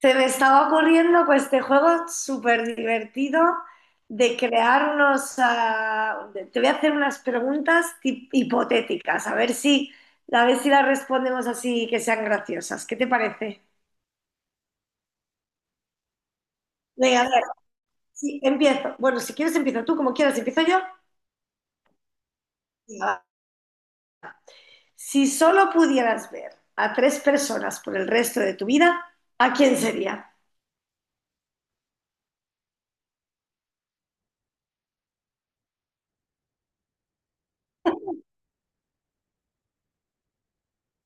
Se me estaba ocurriendo, pues, este juego súper divertido de crear te voy a hacer unas preguntas hipotéticas, a ver si, las respondemos, así que sean graciosas. ¿Qué te parece? Venga, a ver, sí, empiezo. Bueno, si quieres empiezo tú, como quieras, empiezo yo. Venga, va. Si solo pudieras ver a tres personas por el resto de tu vida, ¿a quién sería?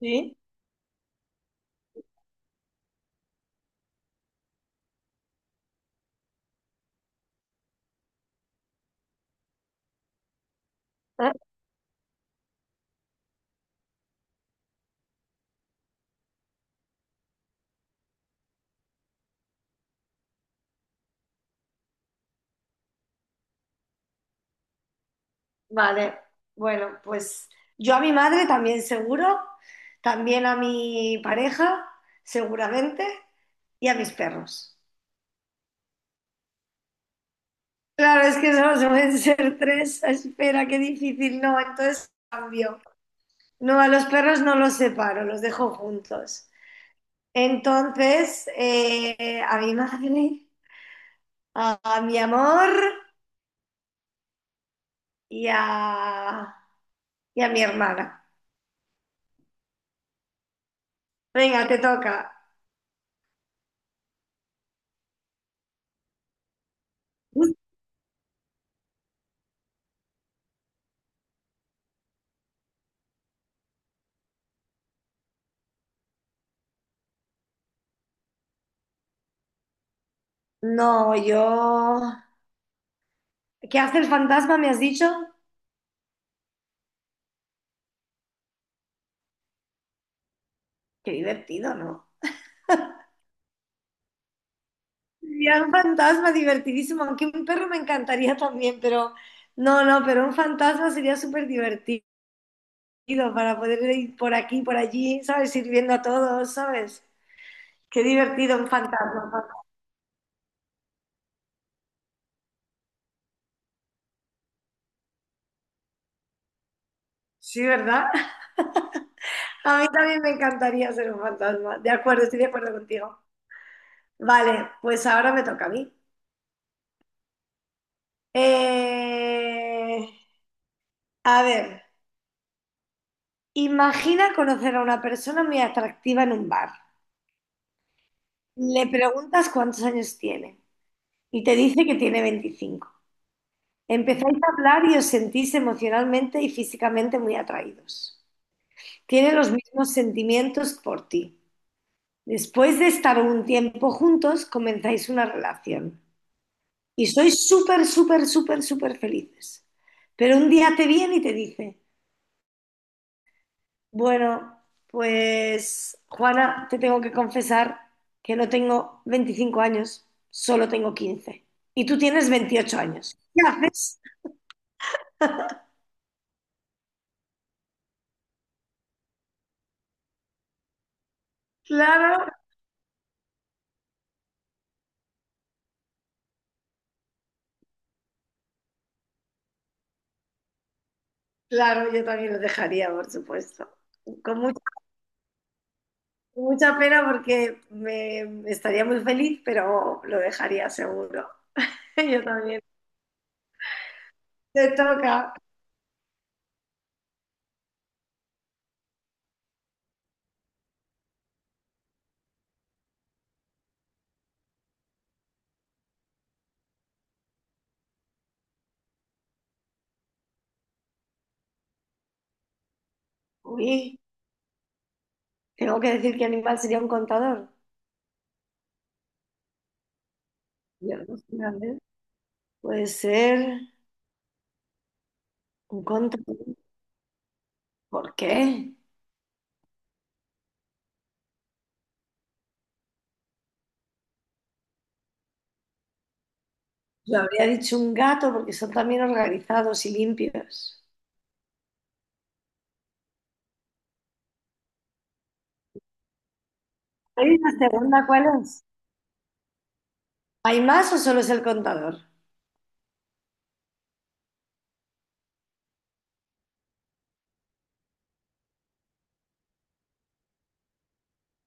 ¿Sí? Vale, bueno, pues yo a mi madre también, seguro, también a mi pareja seguramente y a mis perros. Claro, es que solo suelen ser tres, espera, qué difícil. No, entonces cambio. No, a los perros no los separo, los dejo juntos. Entonces, a mi madre, a mi amor y a mi hermana. Venga, te toca. No, yo... ¿Qué hace el fantasma? ¿Me has dicho? Qué divertido, ¿no? Ya, un fantasma divertidísimo, aunque un perro me encantaría también, pero no, no, pero un fantasma sería súper divertido para poder ir por aquí, por allí, ¿sabes? Sirviendo a todos, ¿sabes? Qué divertido un fantasma, ¿no? Sí, ¿verdad? A mí también me encantaría ser un fantasma. De acuerdo, estoy de acuerdo contigo. Vale, pues ahora me toca a mí. Eh, a ver, imagina conocer a una persona muy atractiva en un bar. Le preguntas cuántos años tiene y te dice que tiene 25. Empezáis a hablar y os sentís emocionalmente y físicamente muy atraídos. Tiene los mismos sentimientos por ti. Después de estar un tiempo juntos, comenzáis una relación y sois súper, súper, súper, súper felices. Pero un día te viene y te dice: bueno, pues Juana, te tengo que confesar que no tengo 25 años, solo tengo 15. Y tú tienes 28 años. ¿Qué haces? Claro, claro, yo también lo dejaría, por supuesto. Con mucha, con mucha pena, porque me estaría muy feliz, pero lo dejaría seguro. Yo también. Te toca. Uy, tengo que decir qué animal sería un contador. Yo no sé, a ver, puede ser un contador. ¿Por qué? Yo habría dicho un gato, porque son también organizados y limpios. ¿Y la segunda cuál es? ¿Hay más o solo es el contador?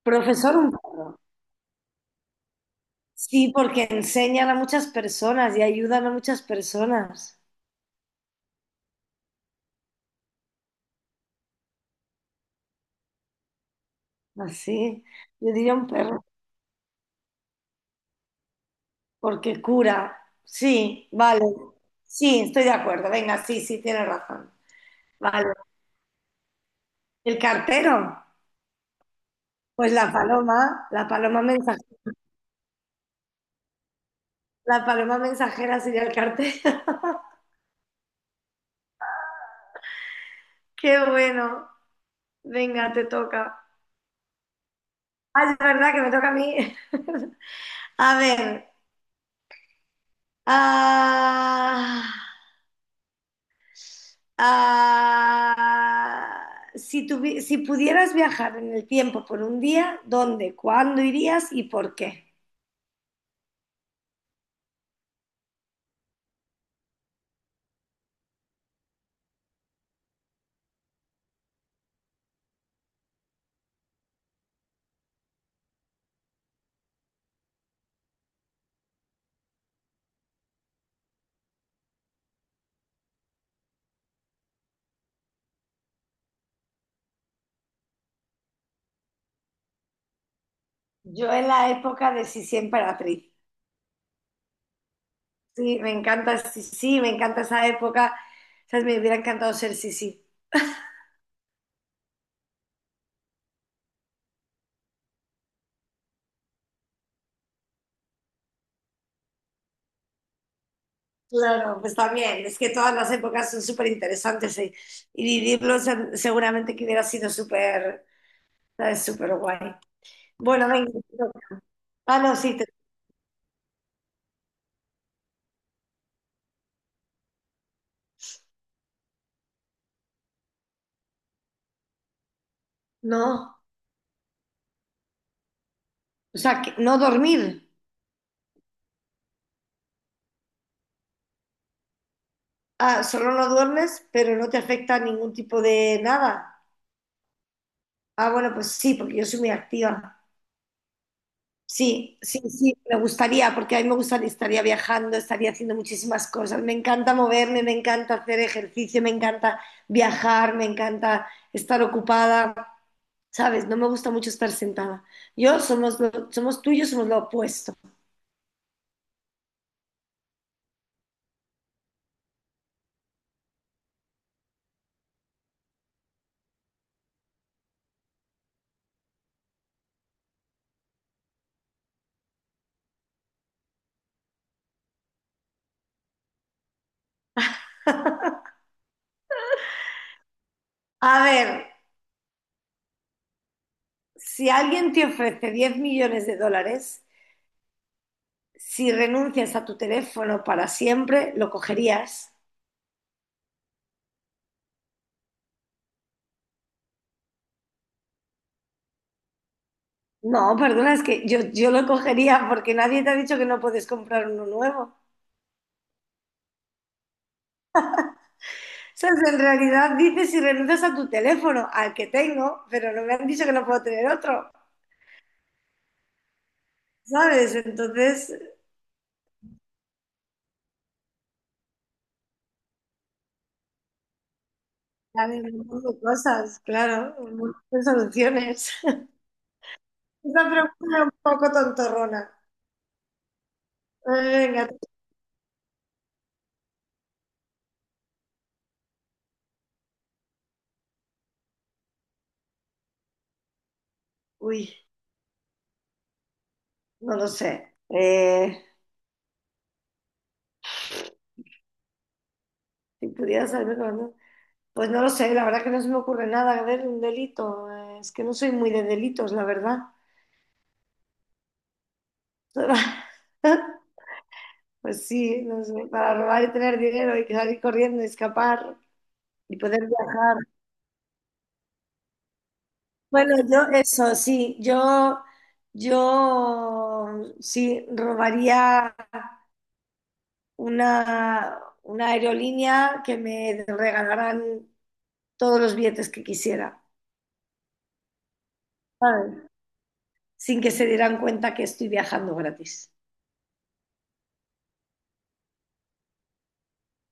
Profesor, un perro. Sí, porque enseñan a muchas personas y ayudan a muchas personas. Así, yo diría un perro, porque cura. Sí, vale. Sí, estoy de acuerdo. Venga, sí, sí, tienes razón. Vale. ¿El cartero? Pues la paloma mensajera sería el cartero. Qué bueno. Venga, te toca. Ah, es verdad que me toca a mí. A ver. ah, si pudieras viajar en el tiempo por un día, ¿dónde, cuándo irías y por qué? Yo en la época de Sisi Emperatriz. Sí, me encanta Sisi, me encanta esa época. ¿Sabes? Me hubiera encantado ser Sisi. Claro, pues también. Es que todas las épocas son súper interesantes y vivirlos, seguramente que hubiera sido súper, ¿sabes? Súper guay. Bueno, venga. Ah, no, sí, no. O sea, que no dormir. Ah, solo no duermes, pero no te afecta ningún tipo de nada. Ah, bueno, pues sí, porque yo soy muy activa. Sí, sí, sí, me gustaría, porque a mí me gustaría, estaría viajando, estaría haciendo muchísimas cosas. Me encanta moverme, me encanta hacer ejercicio, me encanta viajar, me encanta estar ocupada, ¿sabes? No me gusta mucho estar sentada. Yo somos, somos tú y yo, somos lo opuesto. A ver, si alguien te ofrece 10 millones de dólares si renuncias a tu teléfono para siempre, ¿lo cogerías? No, perdona, es que yo lo cogería, porque nadie te ha dicho que no puedes comprar uno nuevo. O sea, en realidad dices si renuncias a tu teléfono, al que tengo, pero no me han dicho que no puedo tener otro, ¿sabes? Entonces, hay un montón de cosas, claro, un montón de soluciones. Esta pregunta es un poco tontorrona. Eh, Venga. Uy, no lo sé. Si pudieras haberme comido... Pues no lo sé, la verdad, que no se me ocurre nada. A ver, un delito. Es que no soy muy de delitos, la verdad. Pues sí, no sé, para robar y tener dinero y salir corriendo, y escapar y poder viajar. Bueno, yo eso, sí, yo sí robaría una, aerolínea, que me regalaran todos los billetes que quisiera, ¿sabes? Sin que se dieran cuenta que estoy viajando gratis.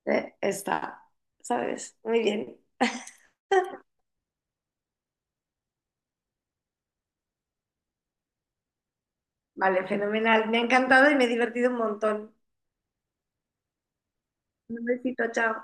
Está, ¿sabes? Muy bien. Vale, fenomenal. Me ha encantado y me he divertido un montón. Un besito, chao.